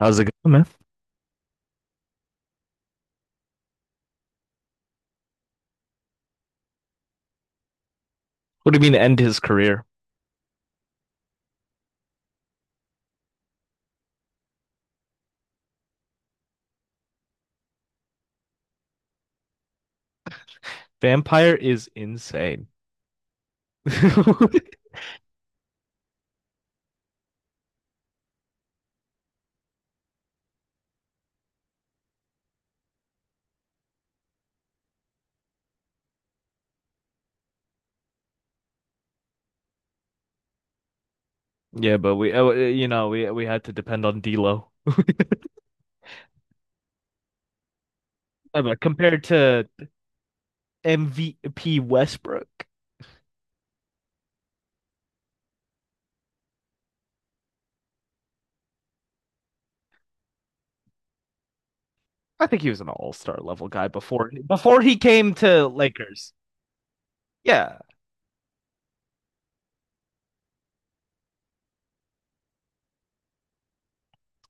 How's it going, man? What do you mean end his career? Vampire is insane. Yeah, but we, you know, we had to depend on D'Lo. But compared to MVP Westbrook, I think he was an all-star level guy before he came to Lakers. Yeah,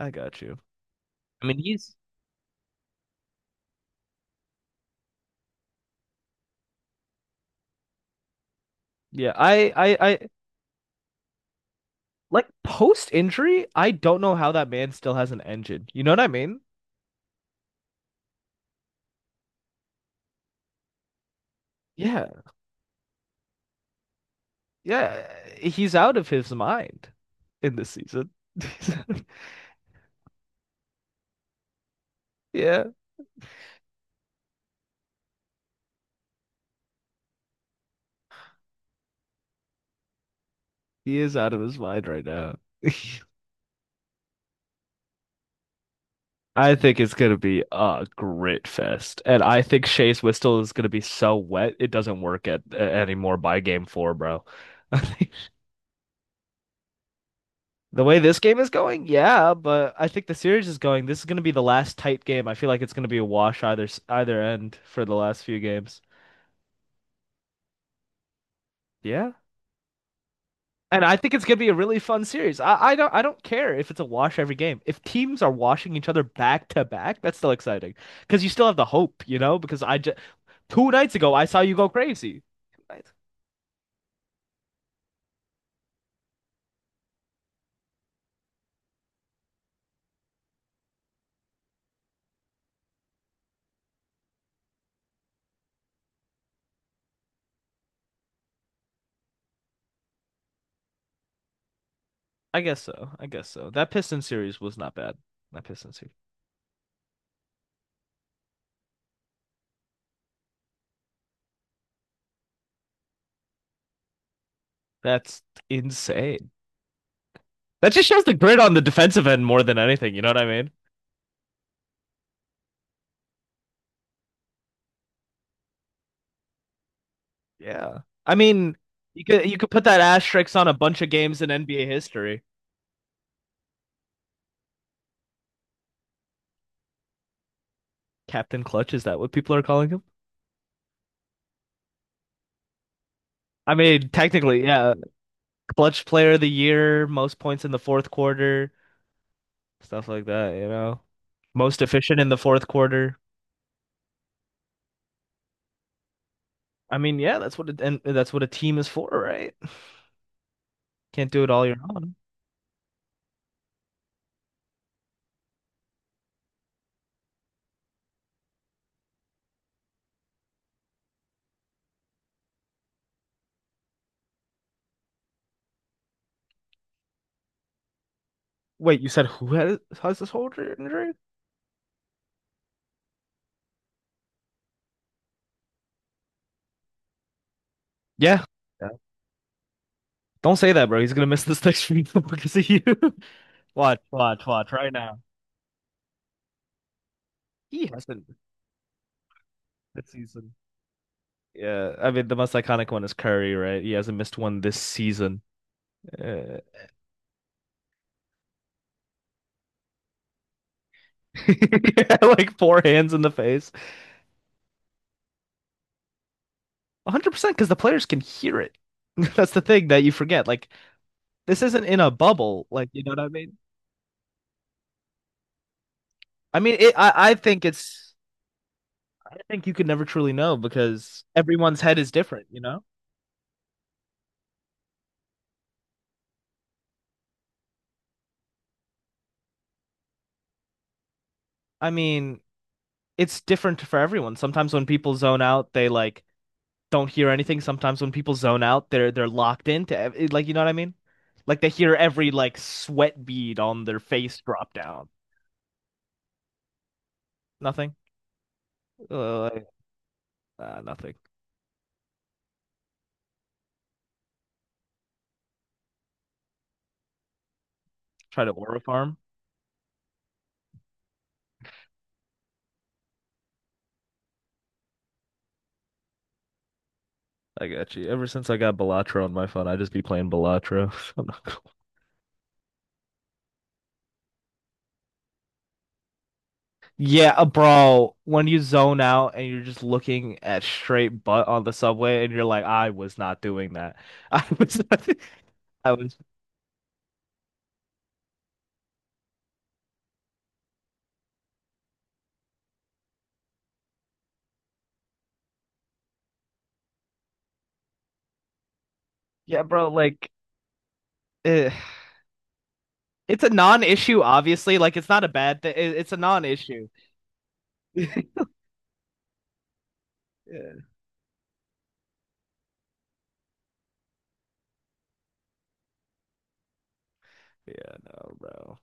I got you. I mean, he's yeah. I like post injury. I don't know how that man still has an engine. You know what I mean? Yeah, yeah. He's out of his mind in this season. Yeah, he is out of his mind right now. I think it's gonna be a grit fest, and I think Chase Whistle is gonna be so wet it doesn't work anymore by game four, bro. I think the way this game is going, yeah, but I think the series is going. This is gonna be the last tight game. I feel like it's gonna be a wash either either end for the last few games. Yeah, and I think it's gonna be a really fun series. I don't I don't care if it's a wash every game. If teams are washing each other back to back, that's still exciting because you still have the hope. Because I just two nights ago I saw you go crazy. Two nights. I guess so. I guess so. That Pistons series was not bad. That Pistons series. That's insane. That just shows the grit on the defensive end more than anything. You know what I mean? Yeah. I mean, you could put that asterisk on a bunch of games in NBA history. Captain Clutch, is that what people are calling him? I mean, technically, yeah. Clutch player of the year, most points in the fourth quarter, stuff like that, you know. Most efficient in the fourth quarter. I mean, yeah, that's what it, and that's what a team is for, right? Can't do it all your own. Wait, you said who has this shoulder injury? Yeah. Yeah. Don't say that, bro. He's gonna miss this next week because of you. Watch right now. He hasn't this season. Yeah, I mean the most iconic one is Curry, right? He hasn't missed one this season. Uh, like four hands in the face. 100% because the players can hear it. That's the thing that you forget. Like this isn't in a bubble. Like you know what I mean? I mean, it, I think it's I think you could never truly know because everyone's head is different. You know? I mean, it's different for everyone. Sometimes when people zone out, they like don't hear anything. Sometimes when people zone out, they're locked into like you know what I mean? Like they hear every like sweat bead on their face drop down. Nothing. Uh, like, nothing. Try to aura farm. I got you. Ever since I got Balatro on my phone, I just be playing Balatro. I'm not gonna. Yeah, bro, when you zone out and you're just looking at straight butt on the subway and you're like, I was not doing that. I was not, I was, yeah, bro, eh, it's a non-issue, obviously. Like, it's not a bad thing. It's a non-issue. Yeah, yeah, no, bro.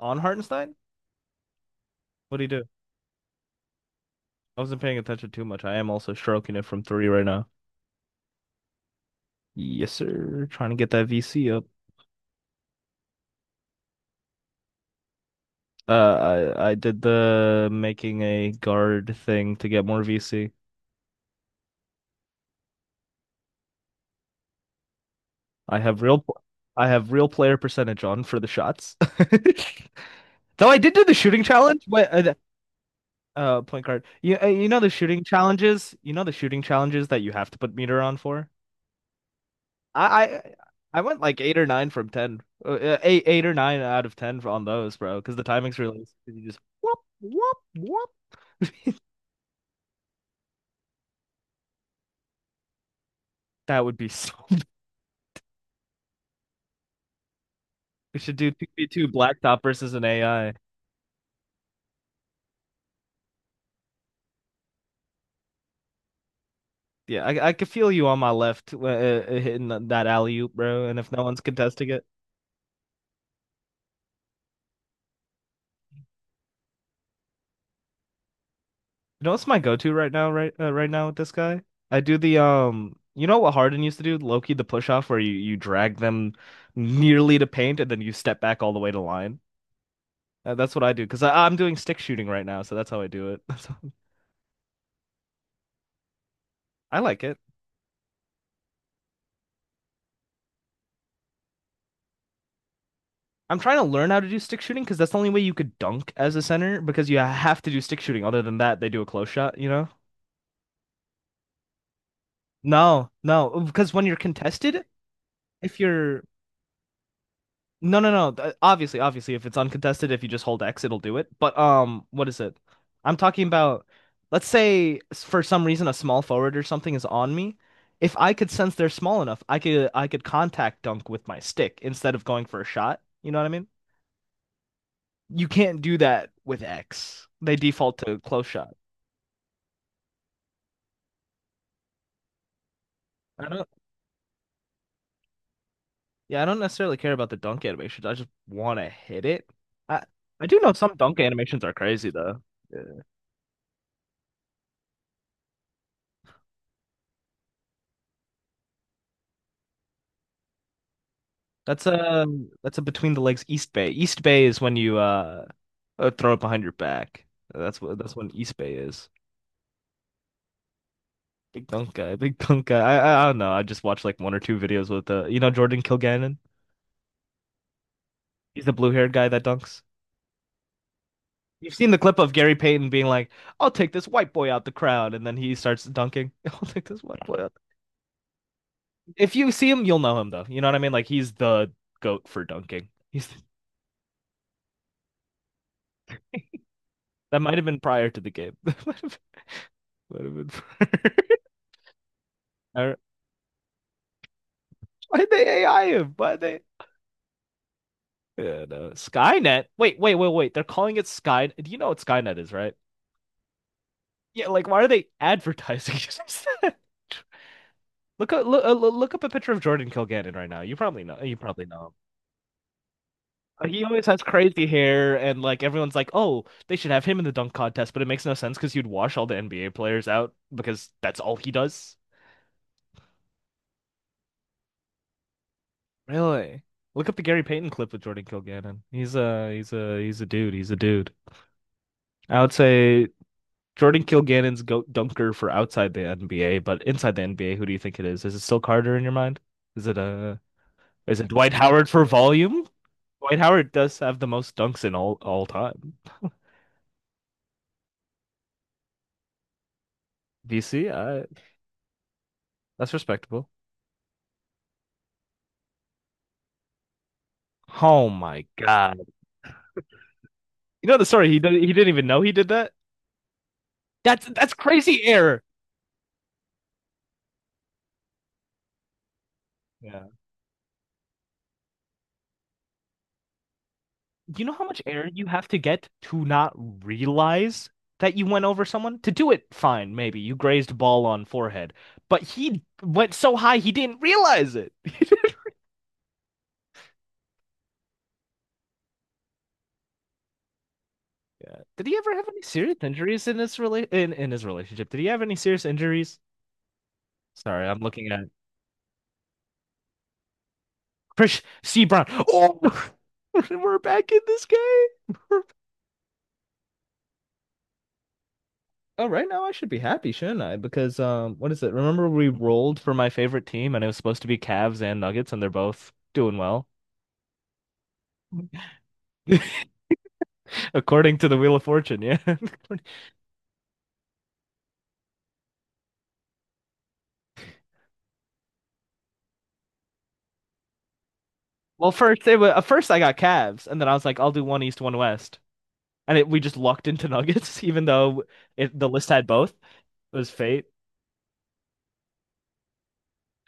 On Hartenstein? What do you do? I wasn't paying attention too much. I am also stroking it from three right now. Yes, sir. Trying to get that VC up. I did the making a guard thing to get more VC. I have real I have real player percentage on for the shots. Though I did do the shooting challenge, point guard. You know the shooting challenges. You know the shooting challenges that you have to put meter on for. I I, I went like eight or nine from ten. Eight or nine out of ten on those, bro. Because the timing's really easy. You just whoop whoop whoop. That would be so. We should do 2v2 blacktop versus an AI. Yeah, I could feel you on my left hitting that alley oop, bro. And if no one's contesting it, you know what's my go-to right now, right now with this guy? I do the you know what Harden used to do, Loki the push off, where you drag them nearly to paint and then you step back all the way to line. That's what I do because I'm doing stick shooting right now, so that's how I do it. So, I like it. I'm trying to learn how to do stick shooting because that's the only way you could dunk as a center because you have to do stick shooting. Other than that, they do a close shot, you know? No, no, because when you're contested if you're no, no, no. Obviously, obviously, if it's uncontested, if you just hold X, it'll do it. But what is it? I'm talking about, let's say for some reason a small forward or something is on me. If I could sense they're small enough, I could contact dunk with my stick instead of going for a shot. You know what I mean? You can't do that with X. They default to close shot. I don't, yeah, I don't necessarily care about the dunk animations. I just want to hit it. I I do know some dunk animations are crazy though. That's a that's a between the legs East Bay. East Bay is when you throw it behind your back. That's what that's when East Bay is. Big dunk guy, big dunk guy. I don't know. I just watched like one or two videos with you know Jordan Kilgannon. He's the blue-haired guy that dunks. You've seen the clip of Gary Payton being like, "I'll take this white boy out the crowd," and then he starts dunking. I'll take this white boy out. If you see him, you'll know him though. You know what I mean? Like he's the goat for dunking. He's that might have been prior to the game. That might have been prior. I why'd they AI him? Why'd they? Yeah, no. Skynet. Wait, wait, wait, wait. They're calling it Skynet. Do you know what Skynet is, right? Yeah, like why are they advertising it Look up, look, uh, look up a picture of Jordan Kilgannon right now. You probably know. You probably know him. He always has crazy hair, and like everyone's like, "Oh, they should have him in the dunk contest," but it makes no sense because you'd wash all the NBA players out because that's all he does. Really? Look up the Gary Payton clip with Jordan Kilgannon. He's a dude. He's a dude. I would say Jordan Kilgannon's go dunker for outside the NBA, but inside the NBA, who do you think it is? Is it still Carter in your mind? Is it is it Dwight Howard for volume? Dwight Howard does have the most dunks in all time. BC, that's respectable. Oh my God. You know the story, he didn't even know he did that? That's crazy error. Yeah. You know how much air you have to get to not realize that you went over someone? To do it, fine, maybe. You grazed ball on forehead. But he went so high he didn't realize it. Yeah. Did he ever have any serious injuries in in his relationship? Did he have any serious injuries? Sorry, I'm looking at Chris C. Brown. Oh, we're back in this game. We're. Oh, right now I should be happy, shouldn't I? Because what is it? Remember we rolled for my favorite team, and it was supposed to be Cavs and Nuggets, and they're both doing well. According to the Wheel of Fortune, yeah. Well, first it was, at first I got Cavs, and then I was like, I'll do one East, one West, and it, we just lucked into Nuggets, even though it, the list had both. It was fate.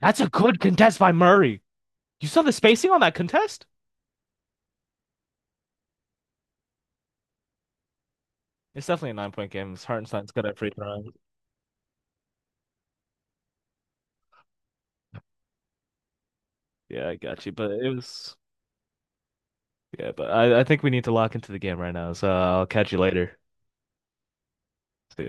That's a good contest by Murray. You saw the spacing on that contest? It's definitely a 9 point game. It's Hartenstein's good at free throwing. Yeah, I got you. But it was yeah. But I think we need to lock into the game right now. So I'll catch you later. See ya.